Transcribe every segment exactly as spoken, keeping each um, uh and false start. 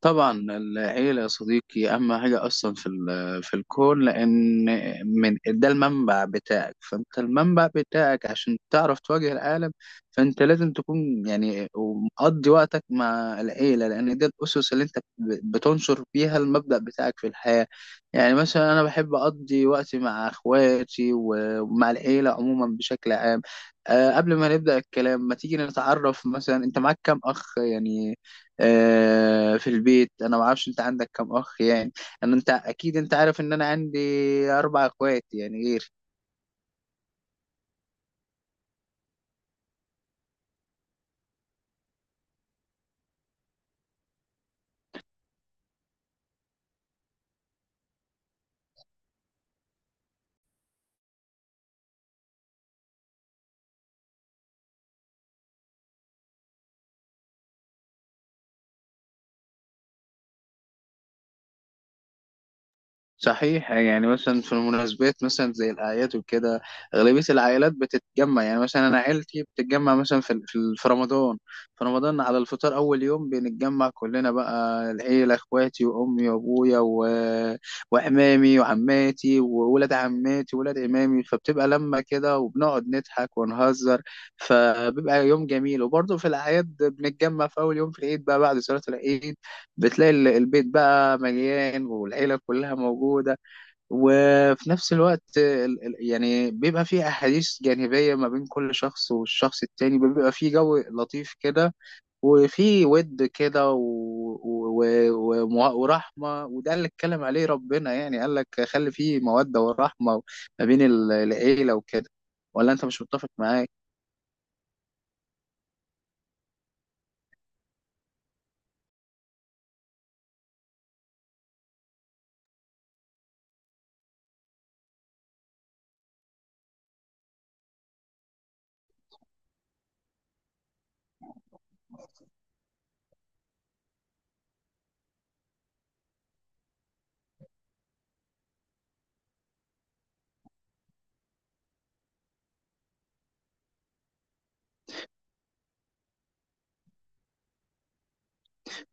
طبعا العيلة يا صديقي أهم حاجة أصلا في ال- في الكون، لأن من ده المنبع بتاعك. فأنت المنبع بتاعك عشان تعرف تواجه العالم. فأنت لازم تكون يعني مقضي وقتك مع العيلة، لأن ده الأسس اللي أنت ب- بتنشر فيها المبدأ بتاعك في الحياة. يعني مثلا أنا بحب أقضي وقتي مع إخواتي و- ومع العيلة عموما بشكل عام. أه قبل ما نبدأ الكلام، ما تيجي نتعرف. مثلا أنت معاك كام أخ يعني؟ آه، في البيت، انا ما اعرفش انت عندك كم اخ يعني. انا انت اكيد انت عارف ان انا عندي اربع اخوات يعني غيري. صحيح، يعني مثلا في المناسبات مثلا زي الأعياد وكده، أغلبية العائلات بتتجمع. يعني مثلا أنا عيلتي بتتجمع مثلا في في في رمضان. في رمضان على الفطار أول يوم بنتجمع كلنا، بقى العيلة إخواتي وأمي وأبويا و... وعمامي وعماتي وولاد عماتي وولاد عمامي، فبتبقى لمة كده وبنقعد نضحك ونهزر. فبيبقى يوم جميل. وبرضه في الأعياد بنتجمع في أول يوم في العيد بقى، بعد صلاة العيد، بتلاقي ال- البيت بقى مليان والعيلة كلها موجودة. وفي نفس الوقت ال- ال- يعني بيبقى فيه أحاديث جانبية ما بين كل شخص والشخص التاني، بيبقى فيه جو لطيف كده، وفيه ود كده و- و- و- ومو- ورحمة. وده اللي اتكلم عليه ربنا، يعني قال لك خلي فيه مودة ورحمة ما بين ال- العيلة وكده. ولا أنت مش متفق معايا؟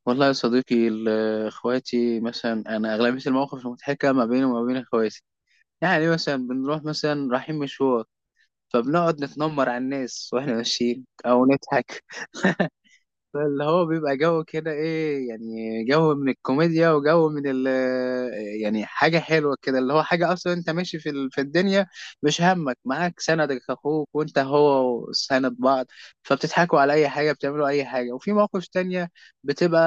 والله يا صديقي. ال- اخواتي مثلا، انا اغلبيه المواقف المضحكه ما بيني وما بين اخواتي. يعني مثلا بنروح، مثلا رايحين مشوار، فبنقعد نتنمر على الناس واحنا ماشيين او نضحك. فاللي هو بيبقى جو كده، ايه يعني، جو من الكوميديا وجو من ال يعني حاجة حلوة كده. اللي هو حاجة، اصلا انت ماشي في ال- في الدنيا، مش همك، معاك سندك اخوك، وانت هو سند بعض. فبتضحكوا على اي حاجة، بتعملوا اي حاجة. وفي مواقف تانية بتبقى،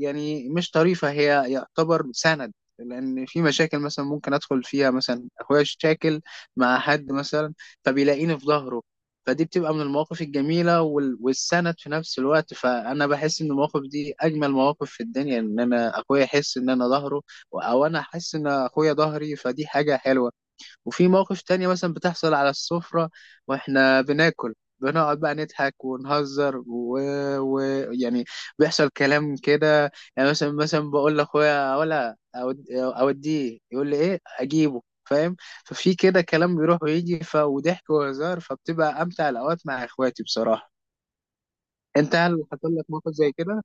يعني مش طريفة، هي يعتبر سند، لان في مشاكل مثلا ممكن ادخل فيها. مثلا اخويا شاكل مع حد مثلا، فبيلاقيني في ظهره. فدي بتبقى من المواقف الجميلة وال- والسند في نفس الوقت. فأنا بحس إن المواقف دي أجمل مواقف في الدنيا، إن أنا أخويا يحس إن أنا ظهره، أو أنا أحس إن أخويا ظهري. فدي حاجة حلوة. وفي مواقف تانية مثلا بتحصل على السفرة واحنا بناكل، بنقعد بقى نضحك ونهزر ويعني و... و- يعني بيحصل كلام كده. يعني مثلا مثلا بقول لاخويا ولا أود... اوديه، يقول لي ايه اجيبه، فاهم؟ ففي كده كلام بيروح ويجي ف... وضحك وهزار، فبتبقى امتع الاوقات مع اخواتي بصراحة. انت هل حصل لك موقف زي كده؟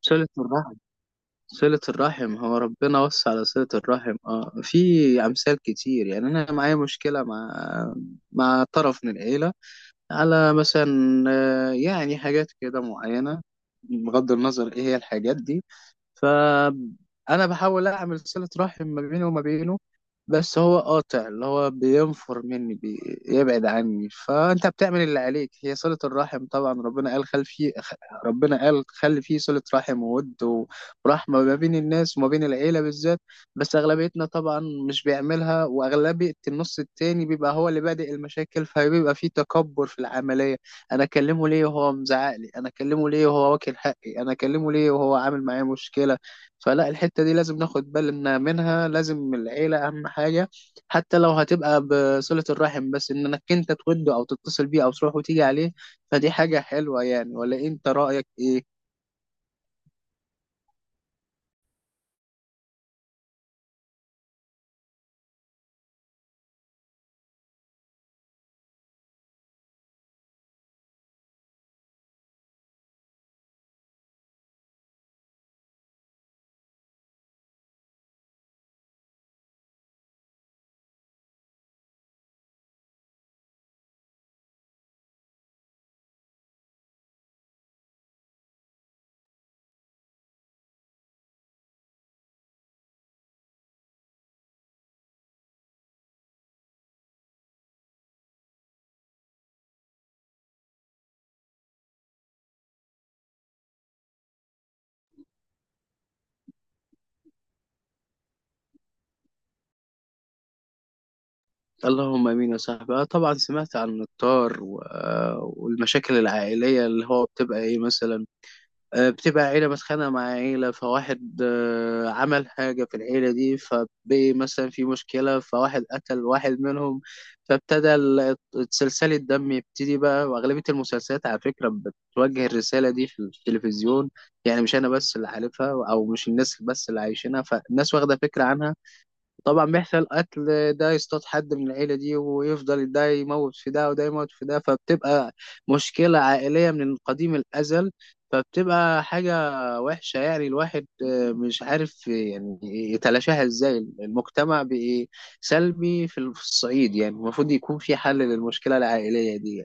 شلت مرة صلة الرحم. هو ربنا وصى على صلة الرحم، اه في أمثال كتير. يعني أنا معايا مشكلة مع مع طرف من العيلة، على مثلا آه، يعني حاجات كده معينة. بغض النظر إيه هي الحاجات دي، فأنا بحاول أعمل صلة رحم ما بيني وما بينه. بس هو قاطع، اللي هو بينفر مني، بيبعد عني. فأنت بتعمل اللي عليك، هي صلة الرحم. طبعا ربنا قال خل فيه خ- ربنا قال خلي فيه صلة رحم وود ورحمة ما بين الناس وما بين العيلة بالذات. بس أغلبيتنا طبعا مش بيعملها. وأغلبية النص التاني بيبقى هو اللي بادئ المشاكل، فبيبقى فيه تكبر في العملية. انا اكلمه ليه وهو مزعق لي؟ انا اكلمه ليه وهو واكل حقي؟ انا اكلمه ليه وهو عامل معايا مشكله؟ فلا، الحته دي لازم ناخد بالنا منها. لازم العيله اهم حاجه، حتى لو هتبقى بصله الرحم. بس ان انك انت توده، او تتصل بيه، او تروح وتيجي عليه. فدي حاجه حلوه يعني. ولا انت رايك ايه؟ اللهم امين يا صاحبي. آه طبعا سمعت عن الطار و- آه والمشاكل العائليه. اللي هو بتبقى ايه مثلا؟ آه، بتبقى عيلة متخانقة مع عيلة، فواحد آه، عمل حاجة في العيلة دي، فبقي مثلا في مشكلة. فواحد قتل واحد منهم، فابتدى ال- سلسلة الدم يبتدي بقى. وأغلبية المسلسلات على فكرة بتوجه الرسالة دي في التلفزيون. يعني مش أنا بس اللي عارفها، أو مش الناس بس اللي عايشينها، فالناس واخدة فكرة عنها. طبعا بيحصل قتل، ده يصطاد حد من العيلة دي، ويفضل ده يموت في ده وده يموت في ده، فبتبقى مشكلة عائلية من قديم الأزل. فبتبقى حاجة وحشة يعني. الواحد آه، مش عارف يعني يتلاشاها ازاي. المجتمع بقى سلبي في الصعيد، يعني المفروض يكون في حل للمشكلة العائلية دي.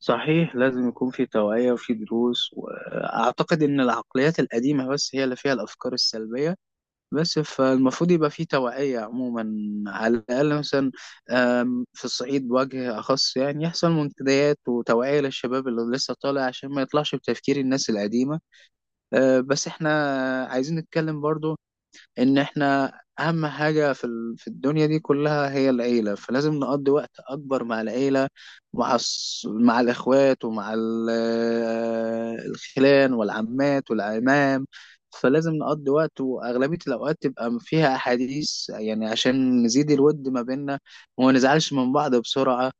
صحيح، لازم يكون في توعية وفي دروس. وأعتقد إن العقليات القديمة بس هي اللي فيها الأفكار السلبية. بس فالمفروض يبقى في توعية عموما، على الأقل مثلا آم، في الصعيد بوجه أخص. يعني يحصل منتديات وتوعية للشباب اللي لسه طالع، عشان ما يطلعش بتفكير الناس القديمة. آه، بس احنا عايزين نتكلم برضو ان احنا اهم حاجة في ال- في الدنيا دي كلها هي العيلة. فلازم نقضي وقت اكبر مع العيلة، مع الص- مع الاخوات، ومع ال- آه، الخلان والعمات والعمام. فلازم نقضي وقت، واغلبية الاوقات تبقى فيها احاديث، يعني عشان نزيد الود ما بيننا وما نزعلش من بعض بسرعة.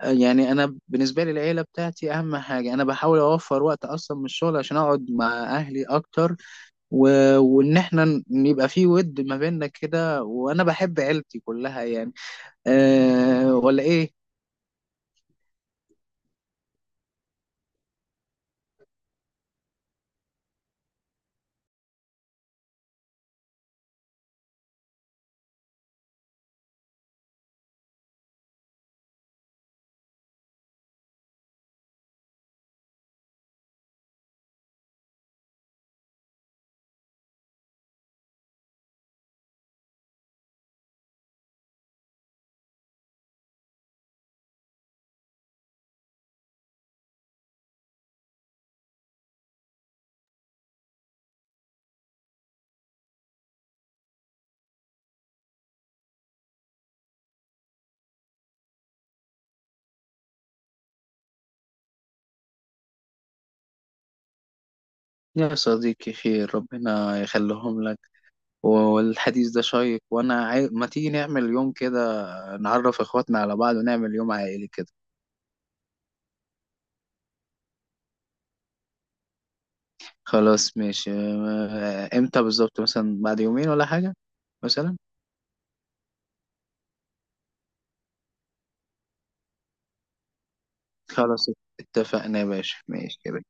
آه، يعني انا بالنسبة لي العيلة بتاعتي اهم حاجة. انا بحاول اوفر وقت اصلا من الشغل عشان اقعد مع اهلي اكتر و... وان احنا ن- يبقى في ود ما بيننا كده. وانا بحب عيلتي كلها يعني. أه ولا ايه؟ يا صديقي خير، ربنا يخليهم لك. والحديث ده شيق. وانا عاي... ما تيجي نعمل يوم كده، نعرف اخواتنا على بعض ونعمل يوم عائلي كده. خلاص ماشي. آه، امتى بالظبط؟ مثلا بعد يومين ولا حاجة مثلا. خلاص، اتفقنا يا باشا، ماشي كده.